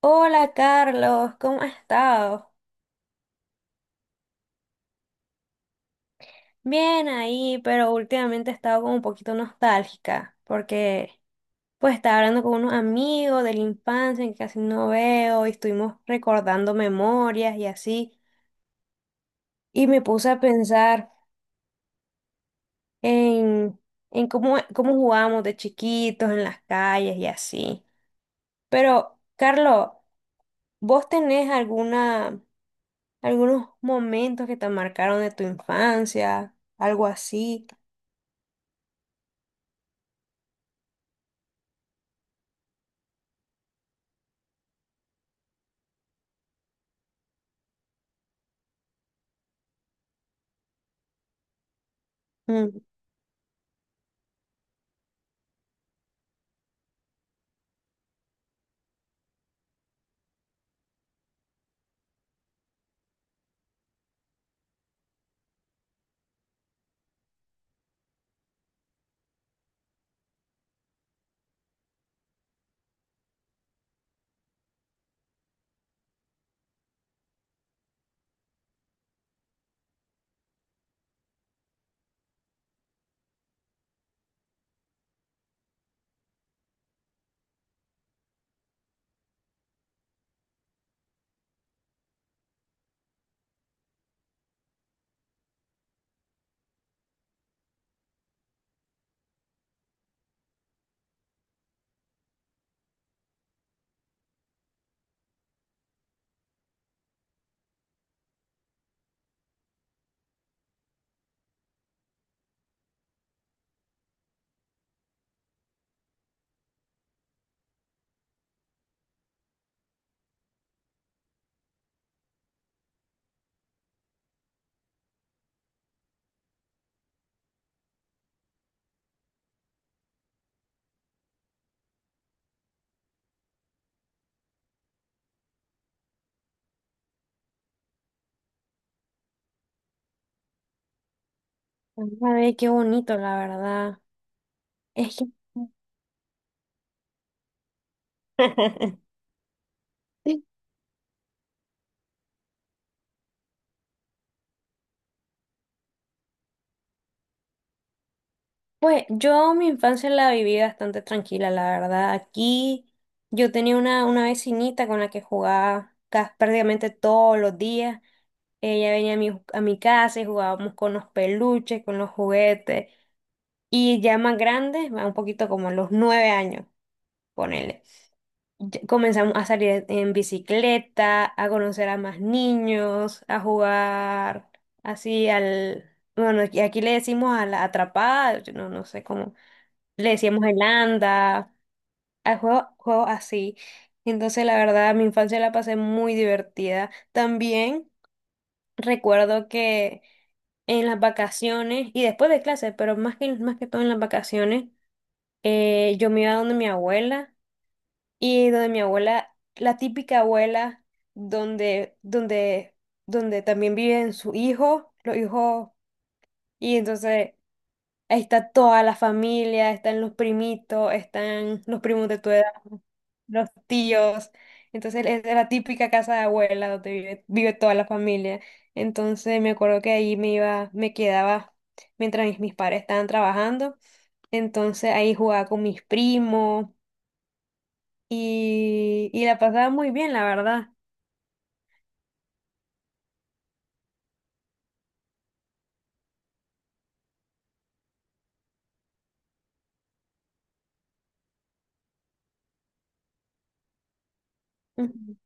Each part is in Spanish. Hola Carlos, ¿cómo has estado? Bien ahí, pero últimamente he estado como un poquito nostálgica porque pues estaba hablando con unos amigos de la infancia que casi no veo y estuvimos recordando memorias y así y me puse a pensar en, en cómo, cómo jugábamos de chiquitos en las calles y así. Pero Carlos, ¿vos tenés algunos momentos que te marcaron de tu infancia, algo así? Mm. A ver, qué bonito, la verdad. Es que... Sí. Pues yo mi infancia la viví bastante tranquila, la verdad. Aquí yo tenía una vecinita con la que jugaba prácticamente todos los días. Ella venía a a mi casa y jugábamos con los peluches, con los juguetes. Y ya más grandes, un poquito como a los 9 años, ponele. Comenzamos a salir en bicicleta, a conocer a más niños, a jugar así al... Bueno, aquí le decimos a la atrapada, yo no sé cómo. Le decíamos el anda, a juegos así. Entonces, la verdad, mi infancia la pasé muy divertida. También recuerdo que en las vacaciones y después de clases, pero más que todo en las vacaciones, yo me iba donde mi abuela, y donde mi abuela, la típica abuela, donde, donde, donde también viven su hijo, los hijos, y entonces ahí está toda la familia, están los primitos, están los primos de tu edad, los tíos. Entonces es la típica casa de abuela donde vive toda la familia. Entonces me acuerdo que ahí me iba, me quedaba mientras mis padres estaban trabajando. Entonces ahí jugaba con mis primos y la pasaba muy bien, la verdad. Ujú.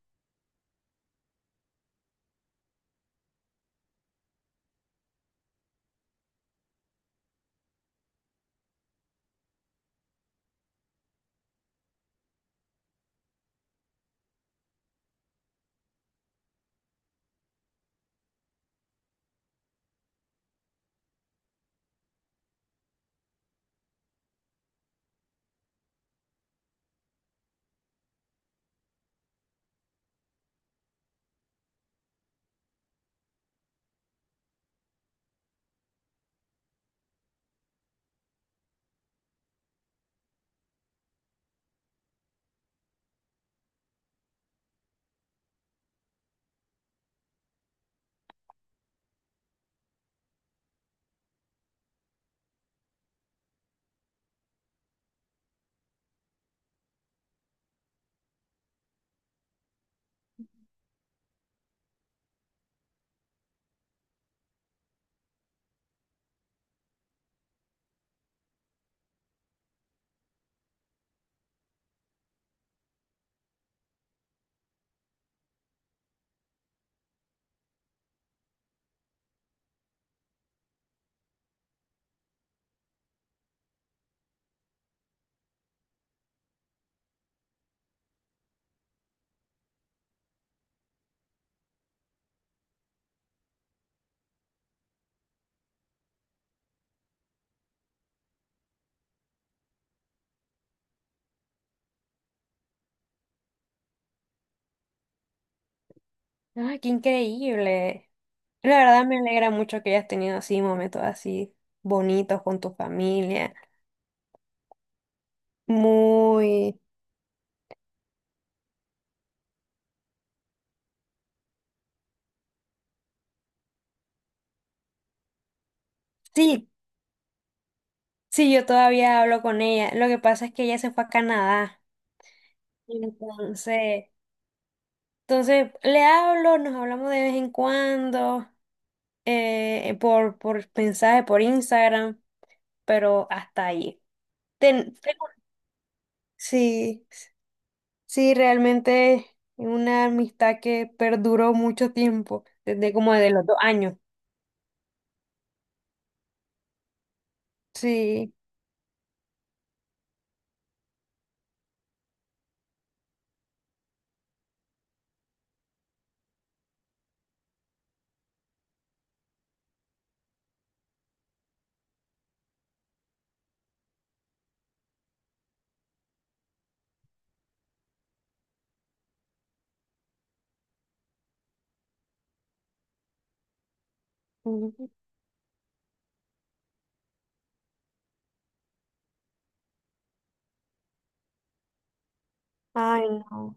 Ay, qué increíble. La verdad me alegra mucho que hayas tenido así momentos así bonitos con tu familia. Muy... Sí, sí, yo todavía hablo con ella. Lo que pasa es que ella se fue a Canadá. Entonces, entonces le hablo, nos hablamos de vez en cuando, por mensaje, por Instagram, pero hasta ahí. Ten- tengo- sí. Sí, realmente una amistad que perduró mucho tiempo, desde como de los 2 años. Sí. Ujú. Ay, no.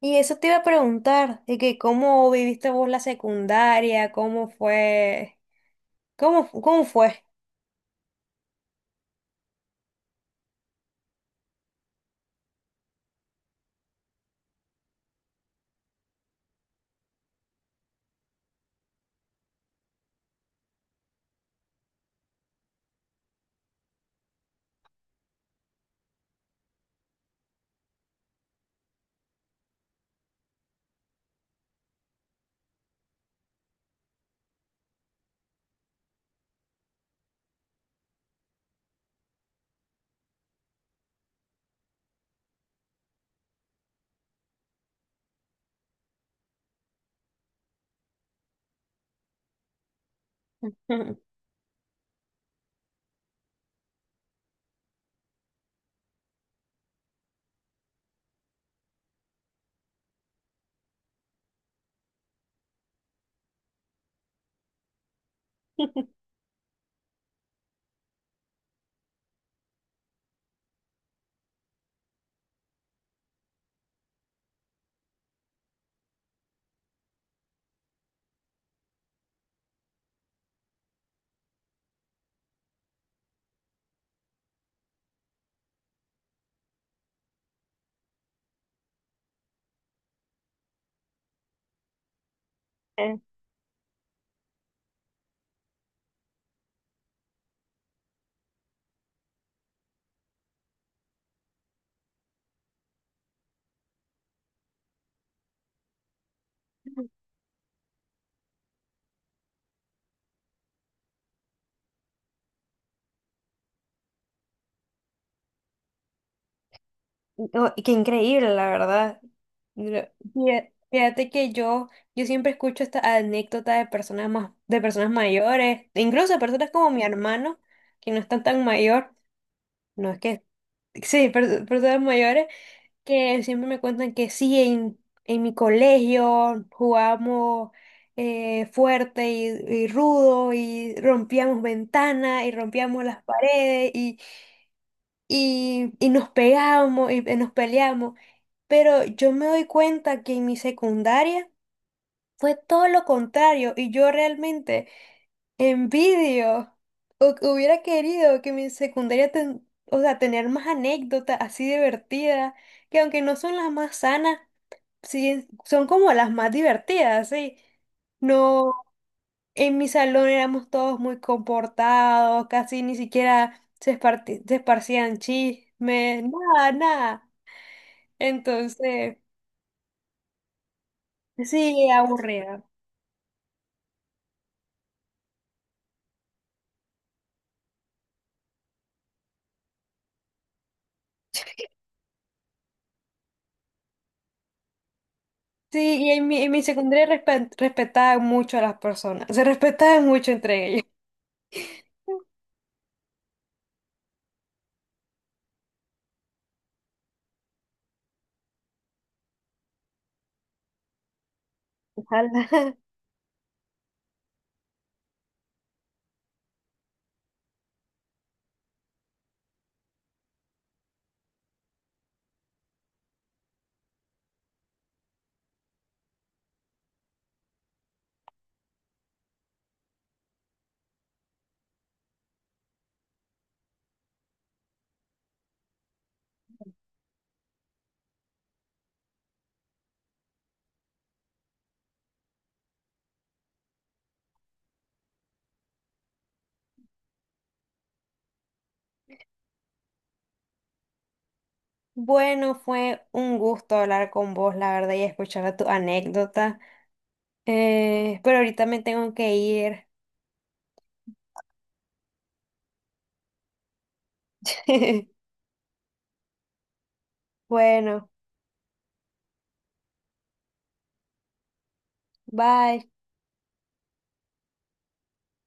Y eso te iba a preguntar, de que cómo viviste vos la secundaria, cómo fue, cómo fue. Eh, no, qué increíble, la verdad. Fíjate que yo siempre escucho esta anécdota de de personas mayores, e incluso de personas como mi hermano, que no están tan mayor. No es que... Sí, personas mayores que siempre me cuentan que sí, en mi colegio jugamos fuerte y rudo y rompíamos ventanas y rompíamos las paredes y, y nos pegábamos y nos peleábamos. Pero yo me doy cuenta que en mi secundaria fue todo lo contrario y yo realmente... Envidio. Hubiera querido que mi secundaria, o sea, tener más anécdotas así divertidas, que aunque no son las más sanas, sí, son como las más divertidas, sí. No, en mi salón éramos todos muy comportados, casi ni siquiera se esparcían chismes, nada, nada. Entonces, sí, aburrida. Sí, y en en mi secundaria respetaban mucho a las personas, se respetaban mucho entre ellos. Ojalá. Bueno, fue un gusto hablar con vos, la verdad, y escuchar tu anécdota. Pero ahorita me tengo que ir. Bueno, bye.